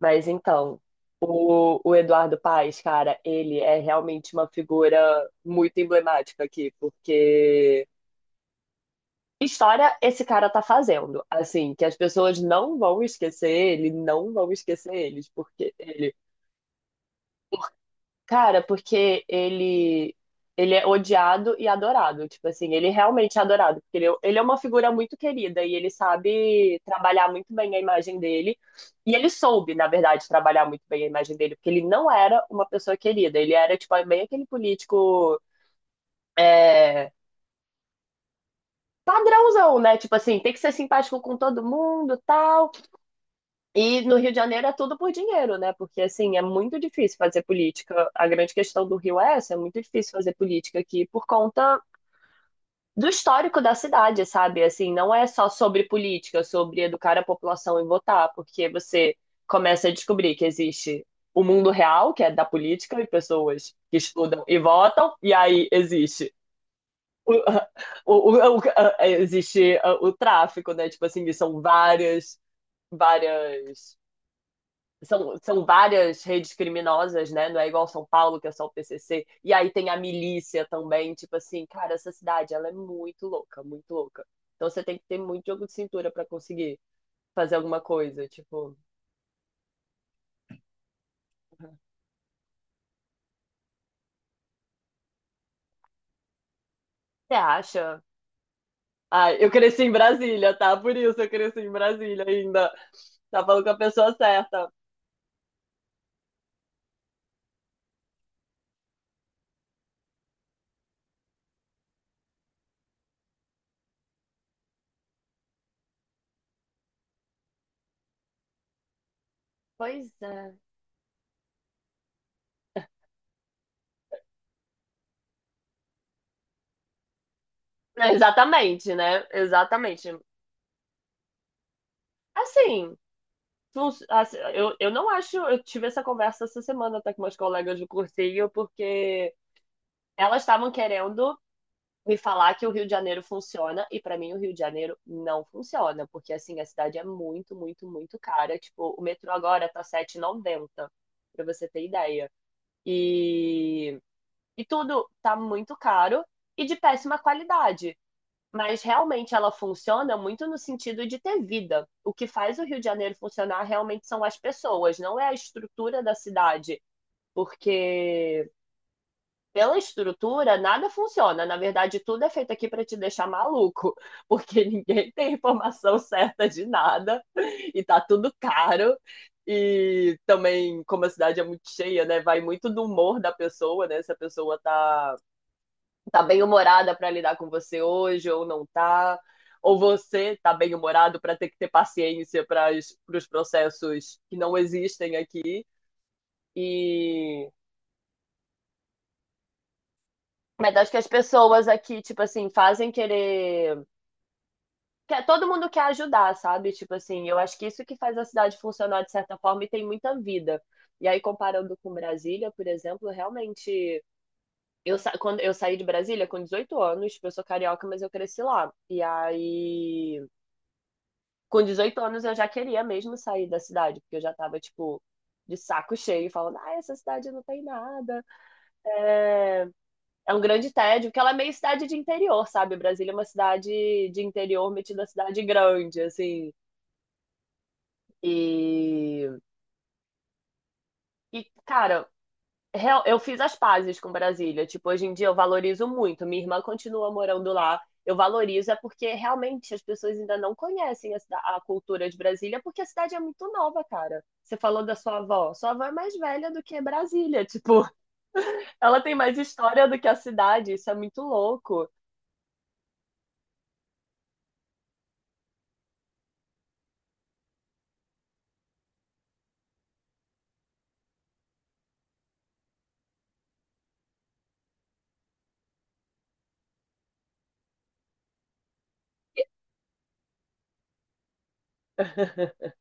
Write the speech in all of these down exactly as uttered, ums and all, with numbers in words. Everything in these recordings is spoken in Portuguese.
Mas então, o, o Eduardo Paes, cara, ele é realmente uma figura muito emblemática aqui, porque história esse cara tá fazendo, assim, que as pessoas não vão esquecer ele, não vão esquecer eles. porque ele, Cara, porque ele ele é odiado e adorado. Tipo assim, ele realmente é adorado. Porque ele, é- ele é uma figura muito querida e ele sabe trabalhar muito bem a imagem dele. E ele soube, na verdade, trabalhar muito bem a imagem dele, porque ele não era uma pessoa querida. Ele era, tipo, bem aquele político. é, Padrãozão, né? Tipo assim, tem que ser simpático com todo mundo, tal. E no Rio de Janeiro é tudo por dinheiro, né? Porque, assim, é muito difícil fazer política. A grande questão do Rio é essa, é muito difícil fazer política aqui por conta do histórico da cidade, sabe? Assim, não é só sobre política, sobre educar a população e votar, porque você começa a descobrir que existe o mundo real, que é da política, e pessoas que estudam e votam, e aí existe o, o, o- o- existe uh, o tráfico, né? Tipo assim, são várias, várias são, são várias redes criminosas, né? Não é igual São Paulo, que é só o P C C. E aí tem a milícia também. Tipo assim, cara, essa cidade, ela é muito louca, muito louca. Então você tem que ter muito jogo de cintura para conseguir fazer alguma coisa. Tipo, você acha? Ah, eu cresci em Brasília, tá? Por isso eu cresci em Brasília ainda. Tá falando com a pessoa certa. Pois é. É, exatamente, né? Exatamente. Assim, Não- assim, Eu, eu não acho. Eu tive essa conversa essa semana até com meus colegas do cursinho, porque elas estavam querendo me falar que o Rio de Janeiro funciona, e pra mim o Rio de Janeiro não funciona, porque assim, a cidade é muito, muito, muito cara. Tipo, o metrô agora tá sete e noventa pra você ter ideia. E, e tudo tá muito caro e de péssima qualidade. Mas realmente ela funciona muito no sentido de ter vida. O que faz o Rio de Janeiro funcionar realmente são as pessoas, não é a estrutura da cidade. Porque pela estrutura nada funciona. Na verdade, tudo é feito aqui para te deixar maluco, porque ninguém tem informação certa de nada e tá tudo caro. E também, como a cidade é muito cheia, né? Vai muito do humor da pessoa, né? Se a pessoa tá tá bem humorada para lidar com você hoje ou não tá, ou você tá bem humorado para ter que ter paciência para os processos que não existem aqui e, mas acho que as pessoas aqui, tipo assim, fazem querer. quer- Todo mundo quer ajudar, sabe? Tipo assim, eu acho que isso que faz a cidade funcionar de certa forma e tem muita vida. E aí, comparando com Brasília, por exemplo, realmente. Eu, sa... Quando eu saí de Brasília com 18 anos, eu sou carioca, mas eu cresci lá. E aí, com dezoito anos eu já queria mesmo sair da cidade, porque eu já tava, tipo, de saco cheio, falando, ah, essa cidade não tem nada. É, é um grande tédio, porque ela é meio cidade de interior, sabe? Brasília é uma cidade de interior metida a cidade grande, assim. E, e, cara, real- eu fiz as pazes com Brasília. Tipo, hoje em dia eu valorizo muito. Minha irmã continua morando lá. Eu valorizo é porque realmente as pessoas ainda não conhecem a, cida- a cultura de Brasília, porque a cidade é muito nova, cara. Você falou da sua avó. Sua avó é mais velha do que Brasília. Tipo, ela tem mais história do que a cidade. Isso é muito louco.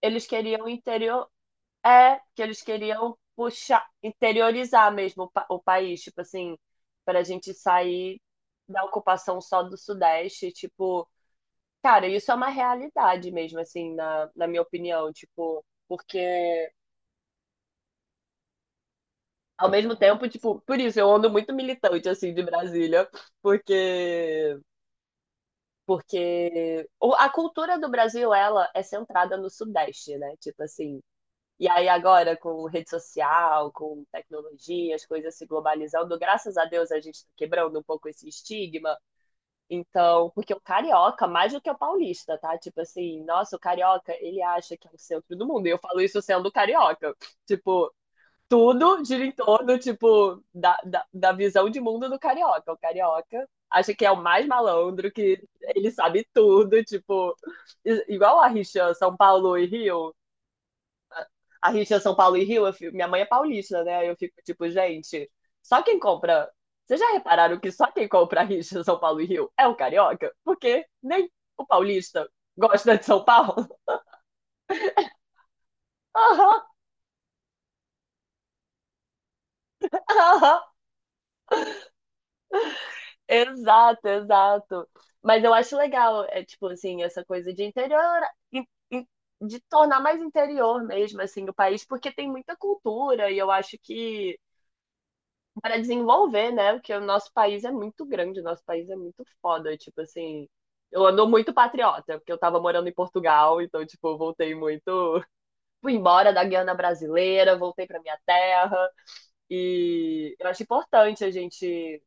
Eles queriam interior, é, que eles queriam puxar, interiorizar mesmo o, pa- o país, tipo assim, para a gente sair da ocupação só do Sudeste, tipo, cara, isso é uma realidade mesmo, assim, na, na minha opinião, tipo, porque ao mesmo tempo, tipo, por isso eu ando muito militante, assim, de Brasília, porque, porque o- a cultura do Brasil, ela é centrada no Sudeste, né, tipo assim, e aí agora, com rede social, com tecnologia, as coisas se globalizando, graças a Deus a gente tá quebrando um pouco esse estigma. Então, porque o carioca, mais do que o paulista, tá? Tipo assim, nossa, o carioca, ele acha que é o centro do mundo. E eu falo isso sendo carioca. Tipo, tudo gira em torno, tipo, da, da, da visão de mundo do carioca. O carioca acha que é o mais malandro, que ele sabe tudo, tipo, i- igual a rixa São Paulo e Rio, a rixa São Paulo e Rio, eu fico- minha mãe é paulista, né? Aí eu fico tipo, gente, só quem compra. Vocês já repararam que só quem compra a rixa São Paulo e Rio é o carioca? Porque nem o paulista gosta de São Paulo. Aham, aham. Exato, exato. Mas eu acho legal, é tipo assim, essa coisa de interior, in- de tornar mais interior mesmo, assim, o país, porque tem muita cultura e eu acho que para desenvolver, né? Porque o nosso país é muito grande, o nosso país é muito foda, tipo assim, eu ando muito patriota, porque eu tava morando em Portugal, então, tipo, eu voltei muito. Fui embora da Guiana brasileira, voltei pra minha terra. E eu acho importante a gente,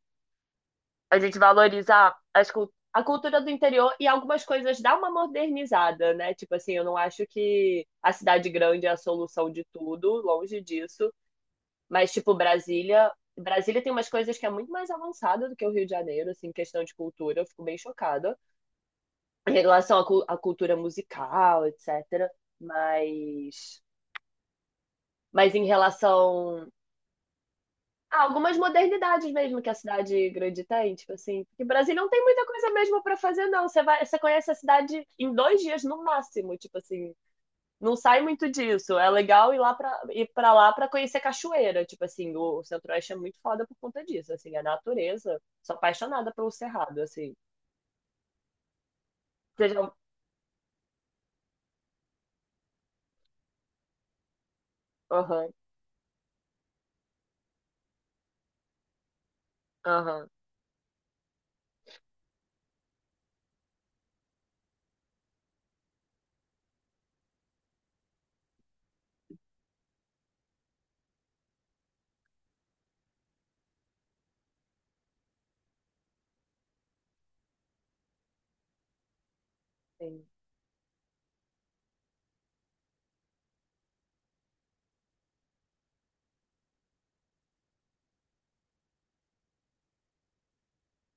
a gente valorizar as, cul- a cultura do interior e algumas coisas dar uma modernizada, né? Tipo assim, eu não acho que a cidade grande é a solução de tudo, longe disso. Mas, tipo, Brasília. Brasília tem umas coisas que é muito mais avançada do que o Rio de Janeiro, assim, em questão de cultura. Eu fico bem chocada em relação à, cu- à cultura musical, etcétera. Mas. Mas em relação a algumas modernidades mesmo que a cidade grande tem, tipo assim, porque Brasília não tem muita coisa mesmo para fazer, não. Você vai, você conhece a cidade em dois dias no máximo, tipo assim, não sai muito disso. É legal ir lá pra, ir pra lá pra conhecer cachoeira. Tipo assim, o Centro-Oeste é muito foda por conta disso. Assim, a natureza. Sou apaixonada pelo Cerrado, assim. Seja. Aham, aham, sim.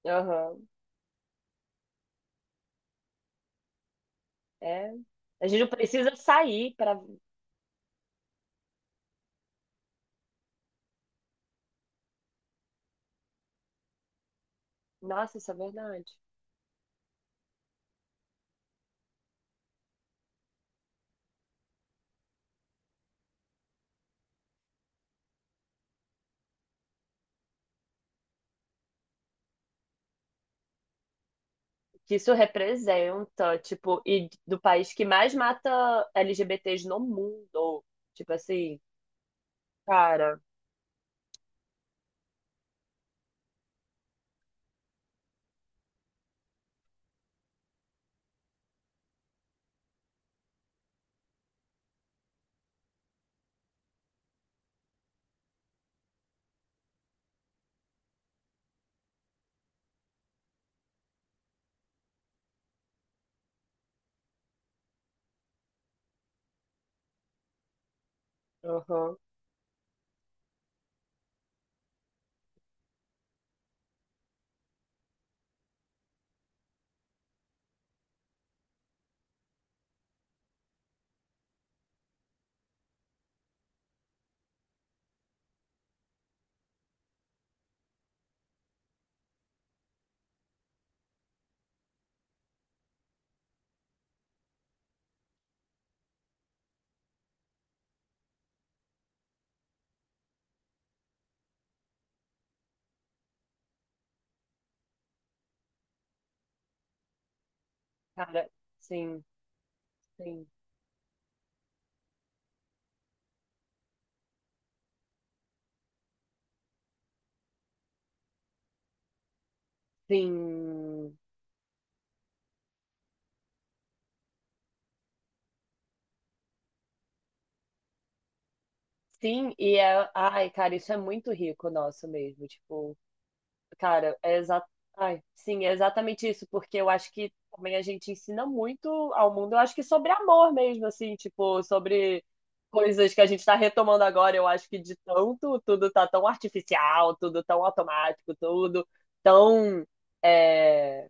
Aham. É. A gente não precisa sair pra. Nossa, isso é verdade. Que isso representa, tipo, e do país que mais mata L G B Ts no mundo. Tipo assim, cara. Aham. Cara, sim, sim, sim. Sim, e é. Ai, cara, isso é muito rico nosso mesmo. Tipo, cara, é exa... Ai, sim, é exatamente isso, porque eu acho que também a gente ensina muito ao mundo, eu acho que sobre amor mesmo, assim, tipo, sobre coisas que a gente tá retomando agora. Eu acho que de tanto, tudo tá tão artificial, tudo tão automático, tudo tão. é,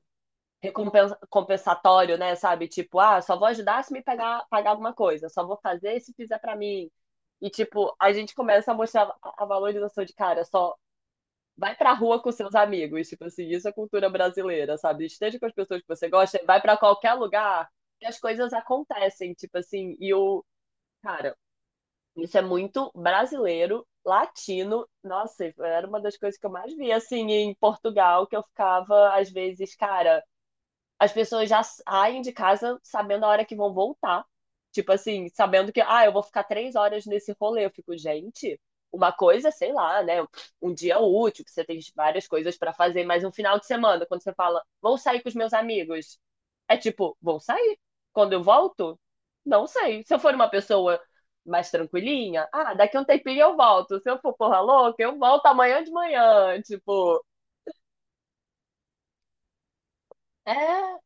recompensa- compensatório, né? Sabe? Tipo, ah, só vou ajudar se me pagar, pagar alguma coisa, só vou fazer se fizer pra mim. E, tipo, a gente começa a mostrar a a valorização de cara, só vai pra rua com seus amigos. Tipo assim, isso é cultura brasileira, sabe? Esteja com as pessoas que você gosta, vai pra qualquer lugar que as coisas acontecem. Tipo assim, e o. Cara, isso é muito brasileiro, latino. Nossa, era uma das coisas que eu mais via, assim, em Portugal, que eu ficava, às vezes, cara, as pessoas já saem de casa sabendo a hora que vão voltar. Tipo assim, sabendo que, ah, eu vou ficar três horas nesse rolê. Eu fico, gente, uma coisa, sei lá, né? Um dia útil, que você tem várias coisas pra fazer, mas um final de semana, quando você fala, vou sair com os meus amigos, é tipo, vou sair. Quando eu volto, não sei. Se eu for uma pessoa mais tranquilinha, ah, daqui a um tempinho eu volto. Se eu for porra louca, eu volto amanhã de manhã. Tipo, é,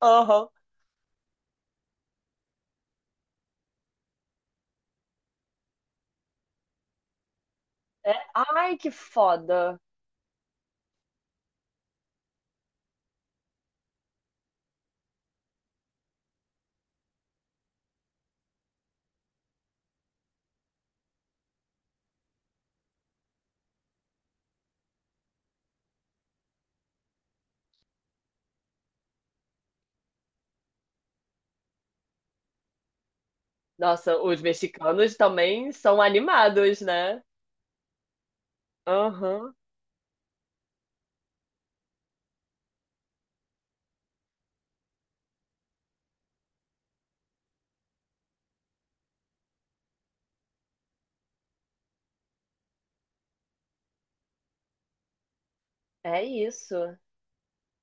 aham. É, ai, que foda. Nossa, os mexicanos também são animados, né? Aham. É isso.